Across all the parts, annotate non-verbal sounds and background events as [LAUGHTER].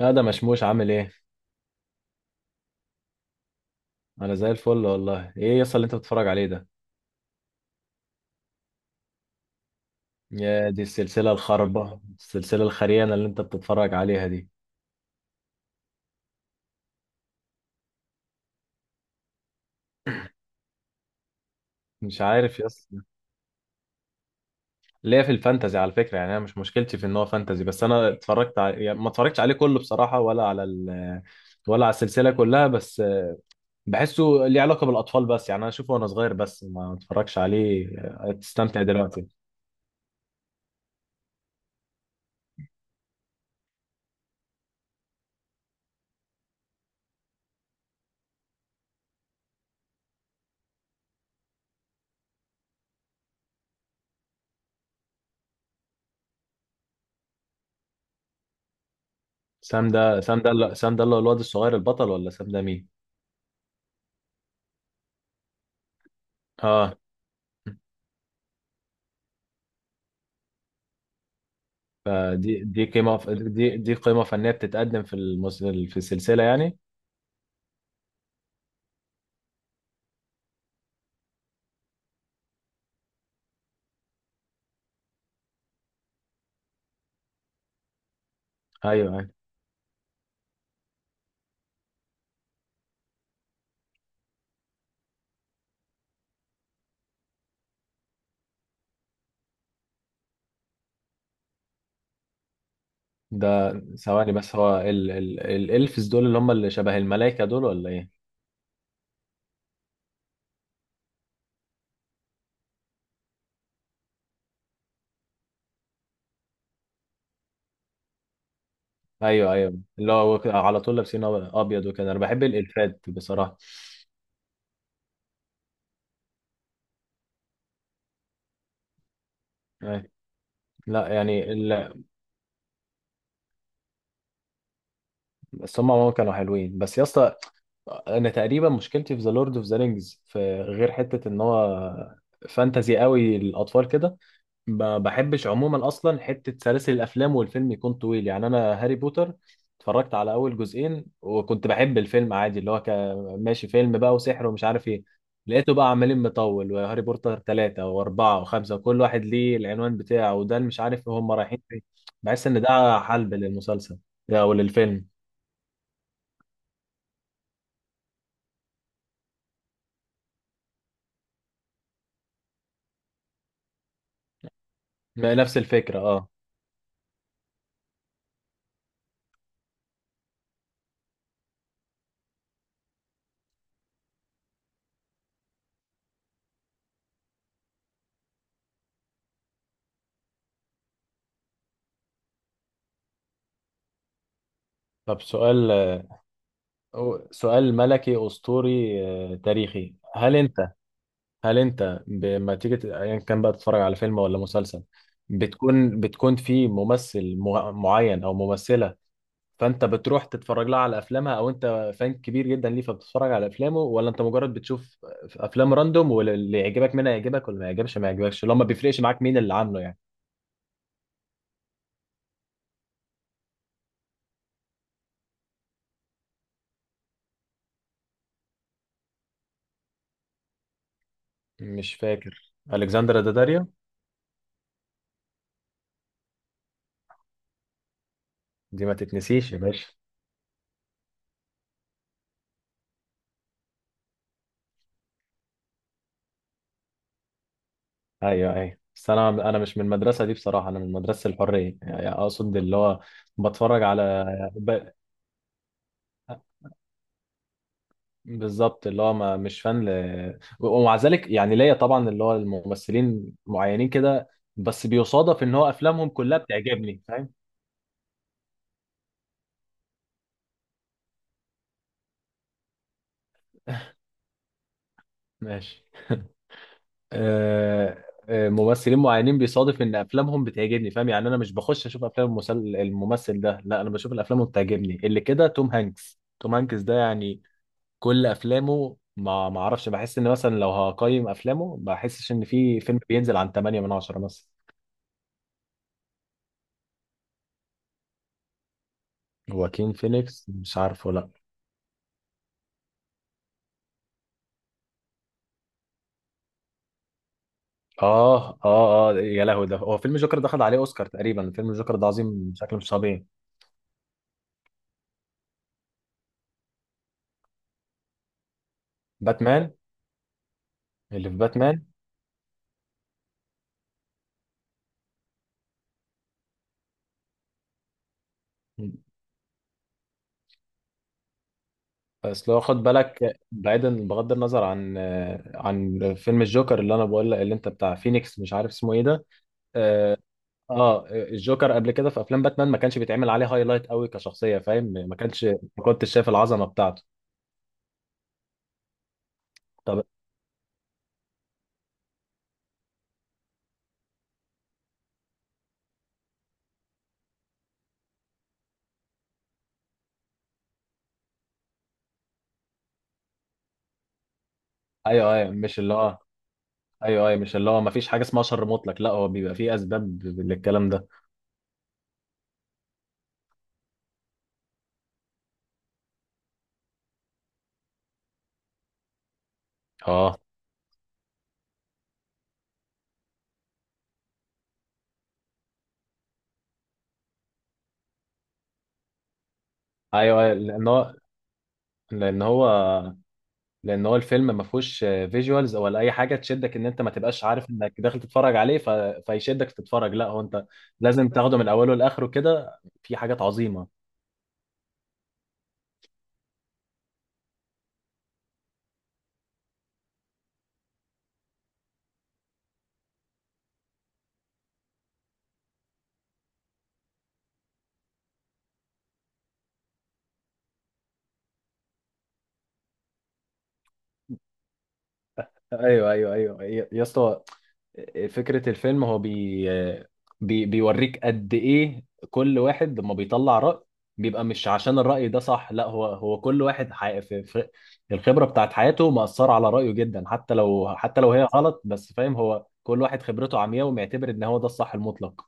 لا ده مشموش عامل ايه. انا زي الفل والله. ايه يصل اللي انت بتتفرج عليه ده؟ يا دي السلسله الخربه، السلسله الخريانه اللي انت بتتفرج عليها دي. مش عارف يصل. ليا في الفانتزي على فكره، يعني انا مش مشكلتي في ان هو فانتزي، بس انا اتفرجت على... يعني ما اتفرجتش عليه كله بصراحه ولا على ال... ولا على السلسله كلها، بس بحسه ليه علاقه بالاطفال، بس يعني انا اشوفه وانا صغير بس ما اتفرجش عليه. تستمتع دلوقتي. سام ده اللي هو الواد الصغير البطل، ولا سام ده مين؟ اه. فدي دي قيمة فنية بتتقدم في في السلسلة يعني. أيوه، أيوه. ده ثواني بس، هو الإلفز دول اللي هم اللي شبه الملايكة دول ولا إيه؟ أيوه أيوه، اللي هو على طول لابسين أبيض وكده. أنا بحب الإلفات بصراحة. أيوة. لا يعني بس هم عموما كانوا حلوين بس يا اسطى. أنا تقريبا مشكلتي في ذا لورد أوف ذا رينجز في غير حتة إن هو فانتزي قوي الأطفال كده. ما بحبش عموما اصلا حته سلاسل الافلام والفيلم يكون طويل. يعني انا هاري بوتر اتفرجت على اول جزئين وكنت بحب الفيلم عادي، اللي هو ماشي فيلم بقى وسحر ومش عارف ايه. لقيته بقى عمالين مطول، وهاري بوتر ثلاثة وأربعة وخمسة، وكل واحد ليه العنوان بتاعه، وده اللي مش عارف هم رايحين فين. بحس إن ده حلب للمسلسل أو للفيلم. نفس الفكرة، اه. طب سؤال، سؤال ملكي أسطوري، تاريخي. هل أنت، هل انت لما تيجي ايا كان بقى تتفرج على فيلم ولا مسلسل، بتكون في ممثل معين او ممثله، فانت بتروح تتفرج لها على افلامها، او انت فان كبير جدا ليه فبتتفرج على افلامه؟ ولا انت مجرد بتشوف افلام راندوم، واللي يعجبك منها يعجبك واللي ما يعجبش ما يعجبكش، اللي هو ما بيفرقش معاك مين اللي عامله يعني؟ مش فاكر، الكسندر داداريو. دي ما تتنسيش يا باشا. ايوه ايوه، بس انا مش من المدرسه دي بصراحه، انا من مدرسه الحريه، يعني اقصد اللي هو بتفرج على. بالظبط، اللي هو ما مش فان ومع ذلك يعني ليا طبعا اللي هو الممثلين معينين كده، بس بيصادف ان هو افلامهم كلها بتعجبني، فاهم. [LAUGHS] ماشي. ممثلين معينين بيصادف ان افلامهم بتعجبني فاهم. يعني انا مش بخش اشوف افلام الممثل ده، لا انا بشوف الافلام اللي بتعجبني، اللي كده توم هانكس. توم هانكس ده يعني كل افلامه، ما اعرفش، بحس ان مثلا لو هقيم افلامه ما بحسش ان في فيلم بينزل عن 8 من 10 مثلا. [LAUGHS] واكين فينيكس مش عارفه، لا. اه اه اه يا لهوي، ده هو فيلم جوكر ده خد عليه اوسكار تقريبا، فيلم جوكر ده عظيم بشكل مش طبيعي. باتمان. اللي في باتمان. بس لو خد بالك، بعيدا بغض النظر عن، عن فيلم الجوكر اللي انا بقول لك، اللي انت بتاع فينيكس مش عارف اسمه ايه ده، اه. الجوكر قبل كده في افلام باتمان ما كانش بيتعمل عليه هايلايت قوي كشخصيه، فاهم، ما كانش، ما كنتش شايف العظمه بتاعته. طب. ايوه ايوه مش اللي هو. ايوه ايوه مش اللي هو ما فيش حاجه اسمها شر مطلق، لا هو بيبقى فيه اسباب للكلام ده. اه. ايوه، أيوه، لان هو لان هو الفيلم ما فيهوش فيجوالز ولا اي حاجه تشدك، ان انت ما تبقاش عارف انك داخل تتفرج عليه فيشدك تتفرج، لا هو انت لازم تاخده من اوله لاخره كده، في حاجات عظيمه. ايوه ايوه ايوه يا يا اسطى. فكرة الفيلم هو بي بي بيوريك قد إيه كل واحد لما بيطلع رأي، بيبقى مش عشان الرأي ده صح، لا هو هو كل واحد في الخبرة بتاعت حياته مأثرة على رأيه جدا حتى لو، حتى لو هي غلط، بس فاهم، هو كل واحد خبرته عمياء ومعتبر إن هو ده الصح المطلق.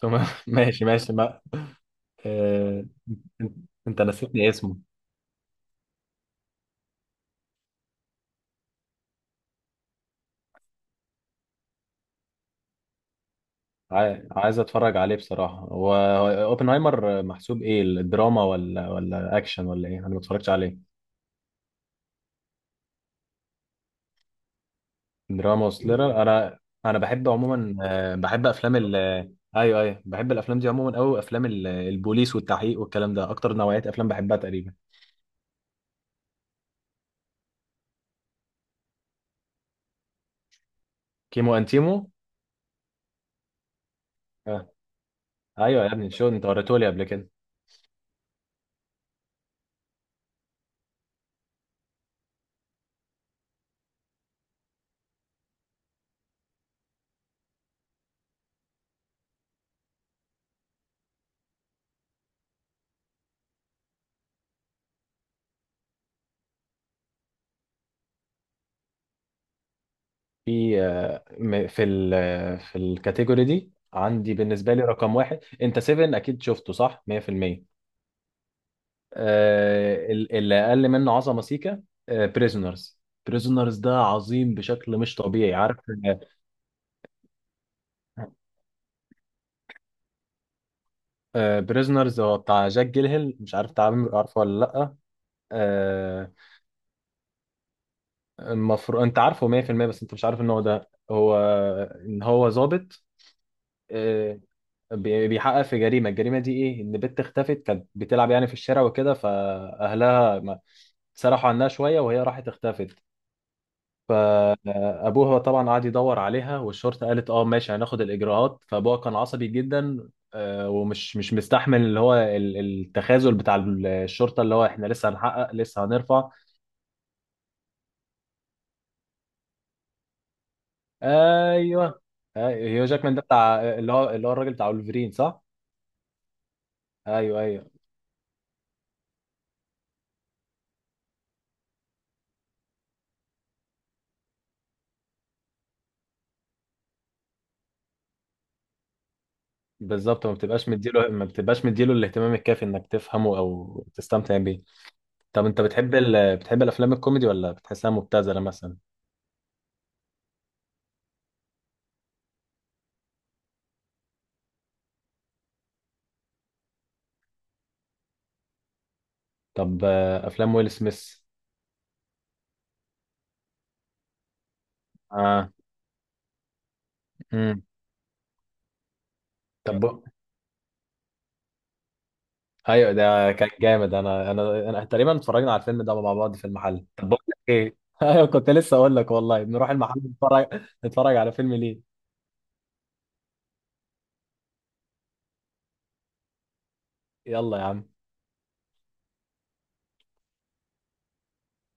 تمام. [LAUGHS] ماشي ماشي ما آه... أنت، نسيتني اسمه. عايز اتفرج عليه بصراحة. هو، هو اوبنهايمر محسوب ايه؟ الدراما ولا، ولا اكشن ولا ايه؟ انا ما اتفرجتش عليه. دراما وسلرر. انا بحب عموما، بحب افلام ال ايوه ايوه، بحب الافلام دي عموما قوي، افلام البوليس والتحقيق والكلام ده اكتر نوعية افلام بحبها تقريبا. كيمو انتيمو. آه. ايوه يا ابني، شو انت وريتهولي قبل كده. في آه، م- في ال آه، في الكاتيجوري دي عندي بالنسبة لي رقم واحد، انت 7 اكيد شفته صح 100%. اللي اقل منه عظمة سيكا، بريزونرز. بريزونرز ده عظيم بشكل مش طبيعي، عارف؟ آه، بريزنرز هو بتاع جاك جيلهيل، مش عارف تعرف، عارفه ولا لأ؟ آه. المفروض انت عارفه 100%، بس انت مش عارف ان هو ده هو، ان هو ضابط. آه. بيحقق في جريمة. الجريمة دي ايه؟ ان بنت اختفت، كانت بتلعب يعني في الشارع وكده، فأهلها سرحوا عنها شوية وهي راحت اختفت. ف ابوها طبعا قعد يدور عليها، والشرطه قالت اه ماشي هناخد الاجراءات، فابوها كان عصبي جدا. آه، ومش مش مستحمل اللي هو التخاذل بتاع الشرطه، اللي هو احنا لسه هنحقق لسه هنرفع. ايوه. ايوه، جاكمان ده بتاع اللي هو، اللي هو الراجل بتاع ولفرين صح؟ ايوه ايوه. بالظبط، ما بتبقاش مديله الاهتمام الكافي انك تفهمه او تستمتع بيه. طب انت بتحب بتحب الافلام الكوميدي، ولا بتحسها مبتذله مثلا؟ طب، افلام ويل سميث. اه. امم. طب. ايوه ده كان جامد. انا تقريبا اتفرجنا على الفيلم ده مع بعض في المحل. طب بقول لك ايه، [LAUGHS] ايوه كنت لسه اقول لك والله نروح المحل نتفرج. نتفرج على فيلم ليه. يلا يا عم.